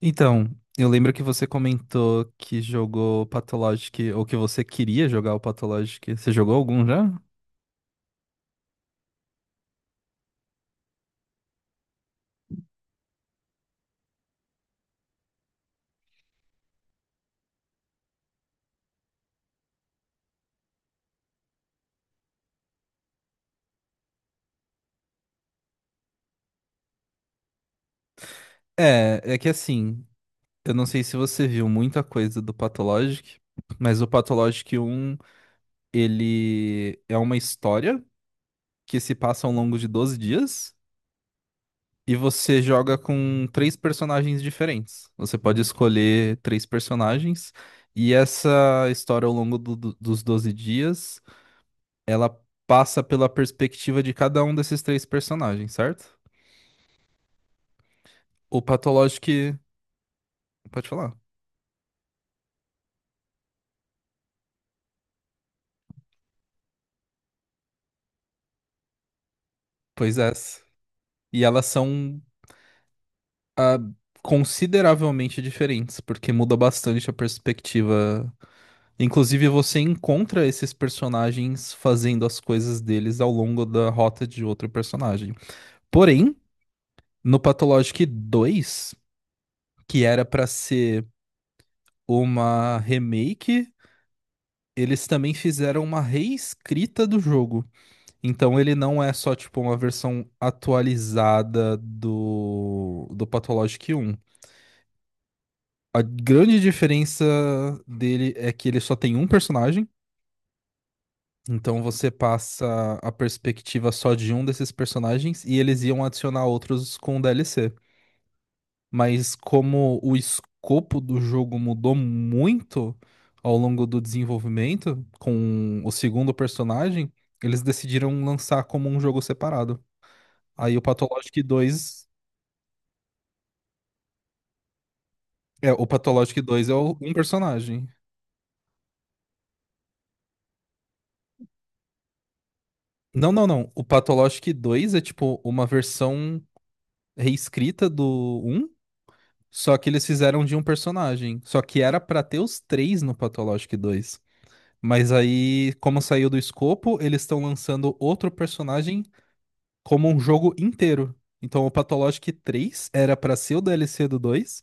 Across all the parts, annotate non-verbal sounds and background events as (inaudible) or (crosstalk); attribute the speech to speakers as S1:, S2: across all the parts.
S1: Então, eu lembro que você comentou que jogou Pathologic, ou que você queria jogar o Pathologic. Você jogou algum já? É que assim, eu não sei se você viu muita coisa do Pathologic, mas o Pathologic um, ele é uma história que se passa ao longo de 12 dias e você joga com três personagens diferentes. Você pode escolher três personagens e essa história ao longo dos 12 dias ela passa pela perspectiva de cada um desses três personagens, certo? O patológico que... Pode falar. Pois é. E elas são ah, consideravelmente diferentes, porque muda bastante a perspectiva. Inclusive, você encontra esses personagens fazendo as coisas deles ao longo da rota de outro personagem. Porém, no Pathologic dois, que era pra ser uma remake, eles também fizeram uma reescrita do jogo. Então ele não é só tipo uma versão atualizada do Pathologic Um. A grande diferença dele é que ele só tem um personagem, então você passa a perspectiva só de um desses personagens e eles iam adicionar outros com o DLC. Mas como o escopo do jogo mudou muito ao longo do desenvolvimento com o segundo personagem, eles decidiram lançar como um jogo separado. Aí o Pathologic Dois. É, o Pathologic 2 é um personagem. Não, não, não. O Pathologic 2 é tipo uma versão reescrita do um, só que eles fizeram de um personagem. Só que era pra ter os três no Pathologic 2. Mas aí, como saiu do escopo, eles estão lançando outro personagem como um jogo inteiro. Então o Pathologic 3 era pra ser o DLC do 2,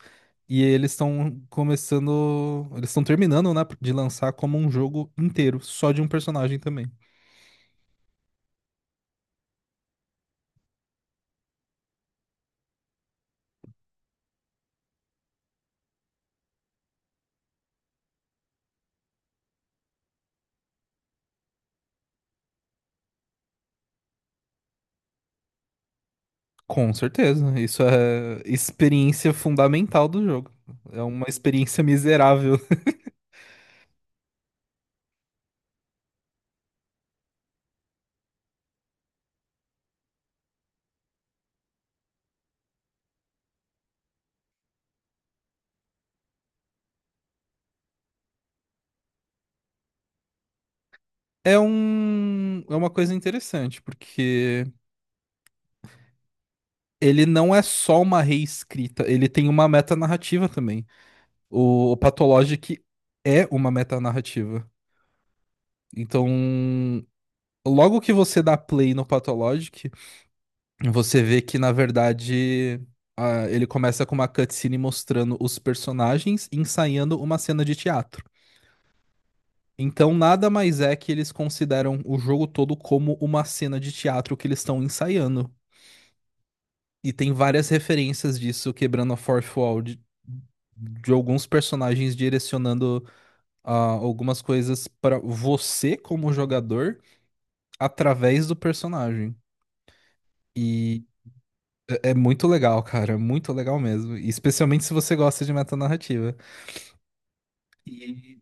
S1: e eles estão começando, eles estão terminando, né, de lançar como um jogo inteiro, só de um personagem também. Com certeza, isso é experiência fundamental do jogo. É uma experiência miserável. (laughs) É uma coisa interessante, porque ele não é só uma reescrita, ele tem uma metanarrativa também. O Pathologic é uma metanarrativa. Então, logo que você dá play no Pathologic, você vê que, na verdade, ele começa com uma cutscene mostrando os personagens ensaiando uma cena de teatro. Então, nada mais é que eles consideram o jogo todo como uma cena de teatro que eles estão ensaiando. E tem várias referências disso quebrando a fourth wall de alguns personagens direcionando ah, algumas coisas para você como jogador através do personagem. E é muito legal, cara, é muito legal mesmo. E especialmente se você gosta de metanarrativa. E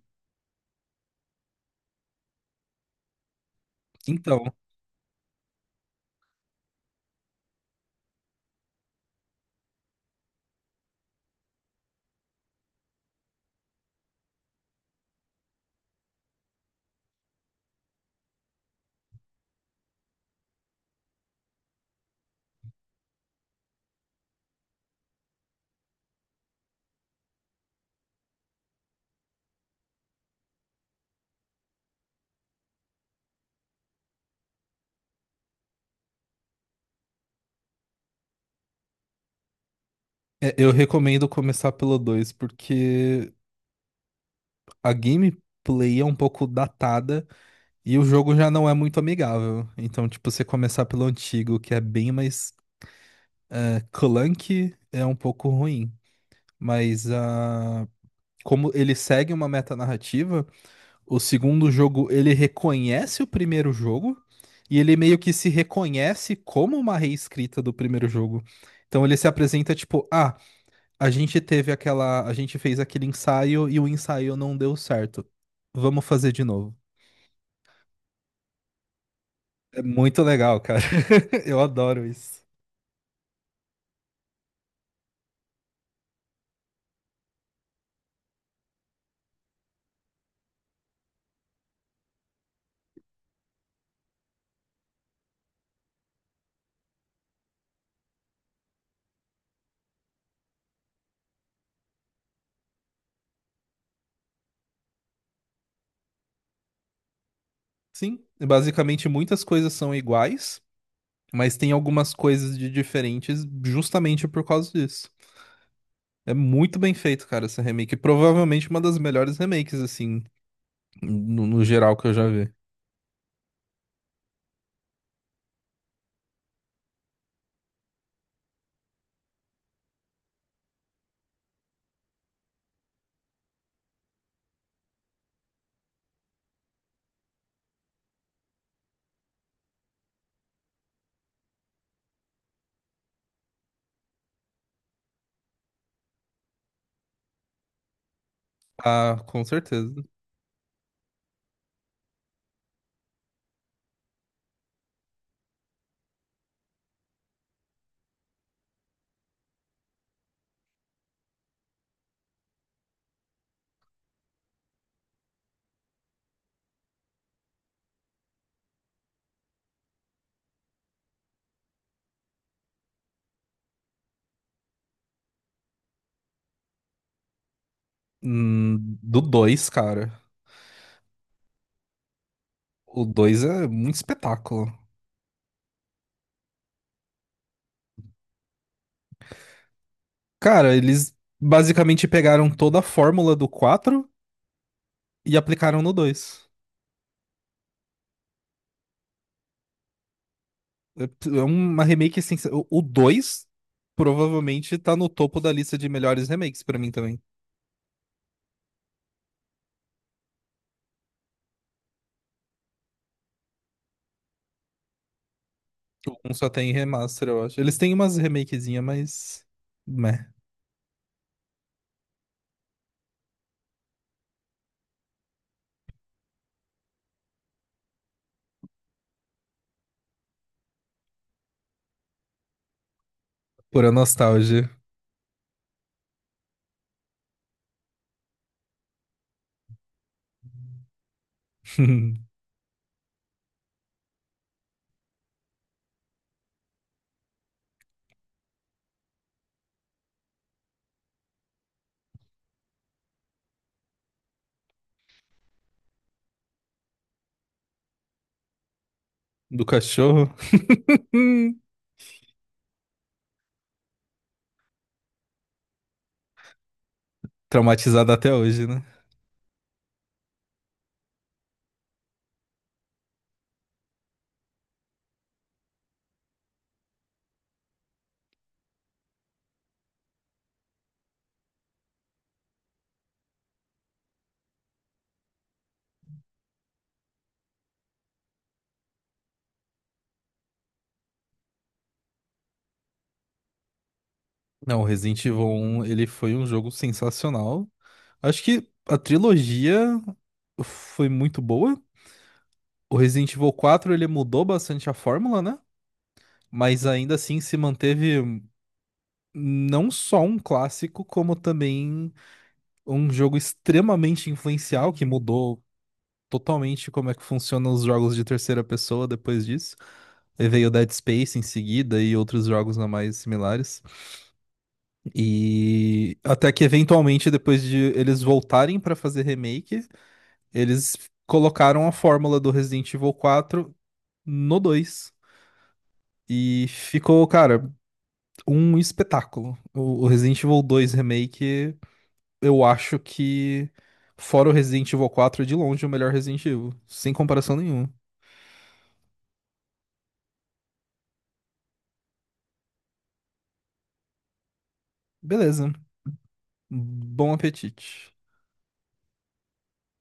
S1: então, eu recomendo começar pelo 2 porque a gameplay é um pouco datada e o jogo já não é muito amigável. Então, tipo, você começar pelo antigo, que é bem mais clunky, é um pouco ruim. Mas a como ele segue uma metanarrativa, o segundo jogo ele reconhece o primeiro jogo e ele meio que se reconhece como uma reescrita do primeiro jogo. Então ele se apresenta tipo, a gente teve aquela, a gente fez aquele ensaio e o ensaio não deu certo. Vamos fazer de novo. É muito legal, cara. (laughs) Eu adoro isso. Sim, basicamente muitas coisas são iguais, mas tem algumas coisas de diferentes justamente por causa disso. É muito bem feito, cara, essa remake. Provavelmente uma das melhores remakes, assim, no geral que eu já vi. Ah, com certeza. Hum. Do 2, cara. O 2 é muito espetáculo. Cara, eles basicamente pegaram toda a fórmula do 4 e aplicaram no 2. É uma remake assim. O 2 provavelmente tá no topo da lista de melhores remakes pra mim também. Um só tem remaster, eu acho. Eles têm umas remakezinhas, mas. Meh, pura nostalgia. (laughs) Do cachorro. (laughs) Hum. Traumatizado até hoje, né? Não, o Resident Evil 1, ele foi um jogo sensacional. Acho que a trilogia foi muito boa. O Resident Evil quatro ele mudou bastante a fórmula, né? Mas ainda assim se manteve. Não só um clássico, como também um jogo extremamente influencial que mudou totalmente como é que funcionam os jogos de terceira pessoa depois disso. E veio Dead Space em seguida e outros jogos não mais similares. E até que eventualmente depois de eles voltarem para fazer remake, eles colocaram a fórmula do Resident Evil quatro no dois. E ficou, cara, um espetáculo. O Resident Evil dois Remake eu acho que, fora o Resident Evil quatro é de longe o melhor Resident Evil. Sem comparação nenhuma. Beleza. Bom apetite.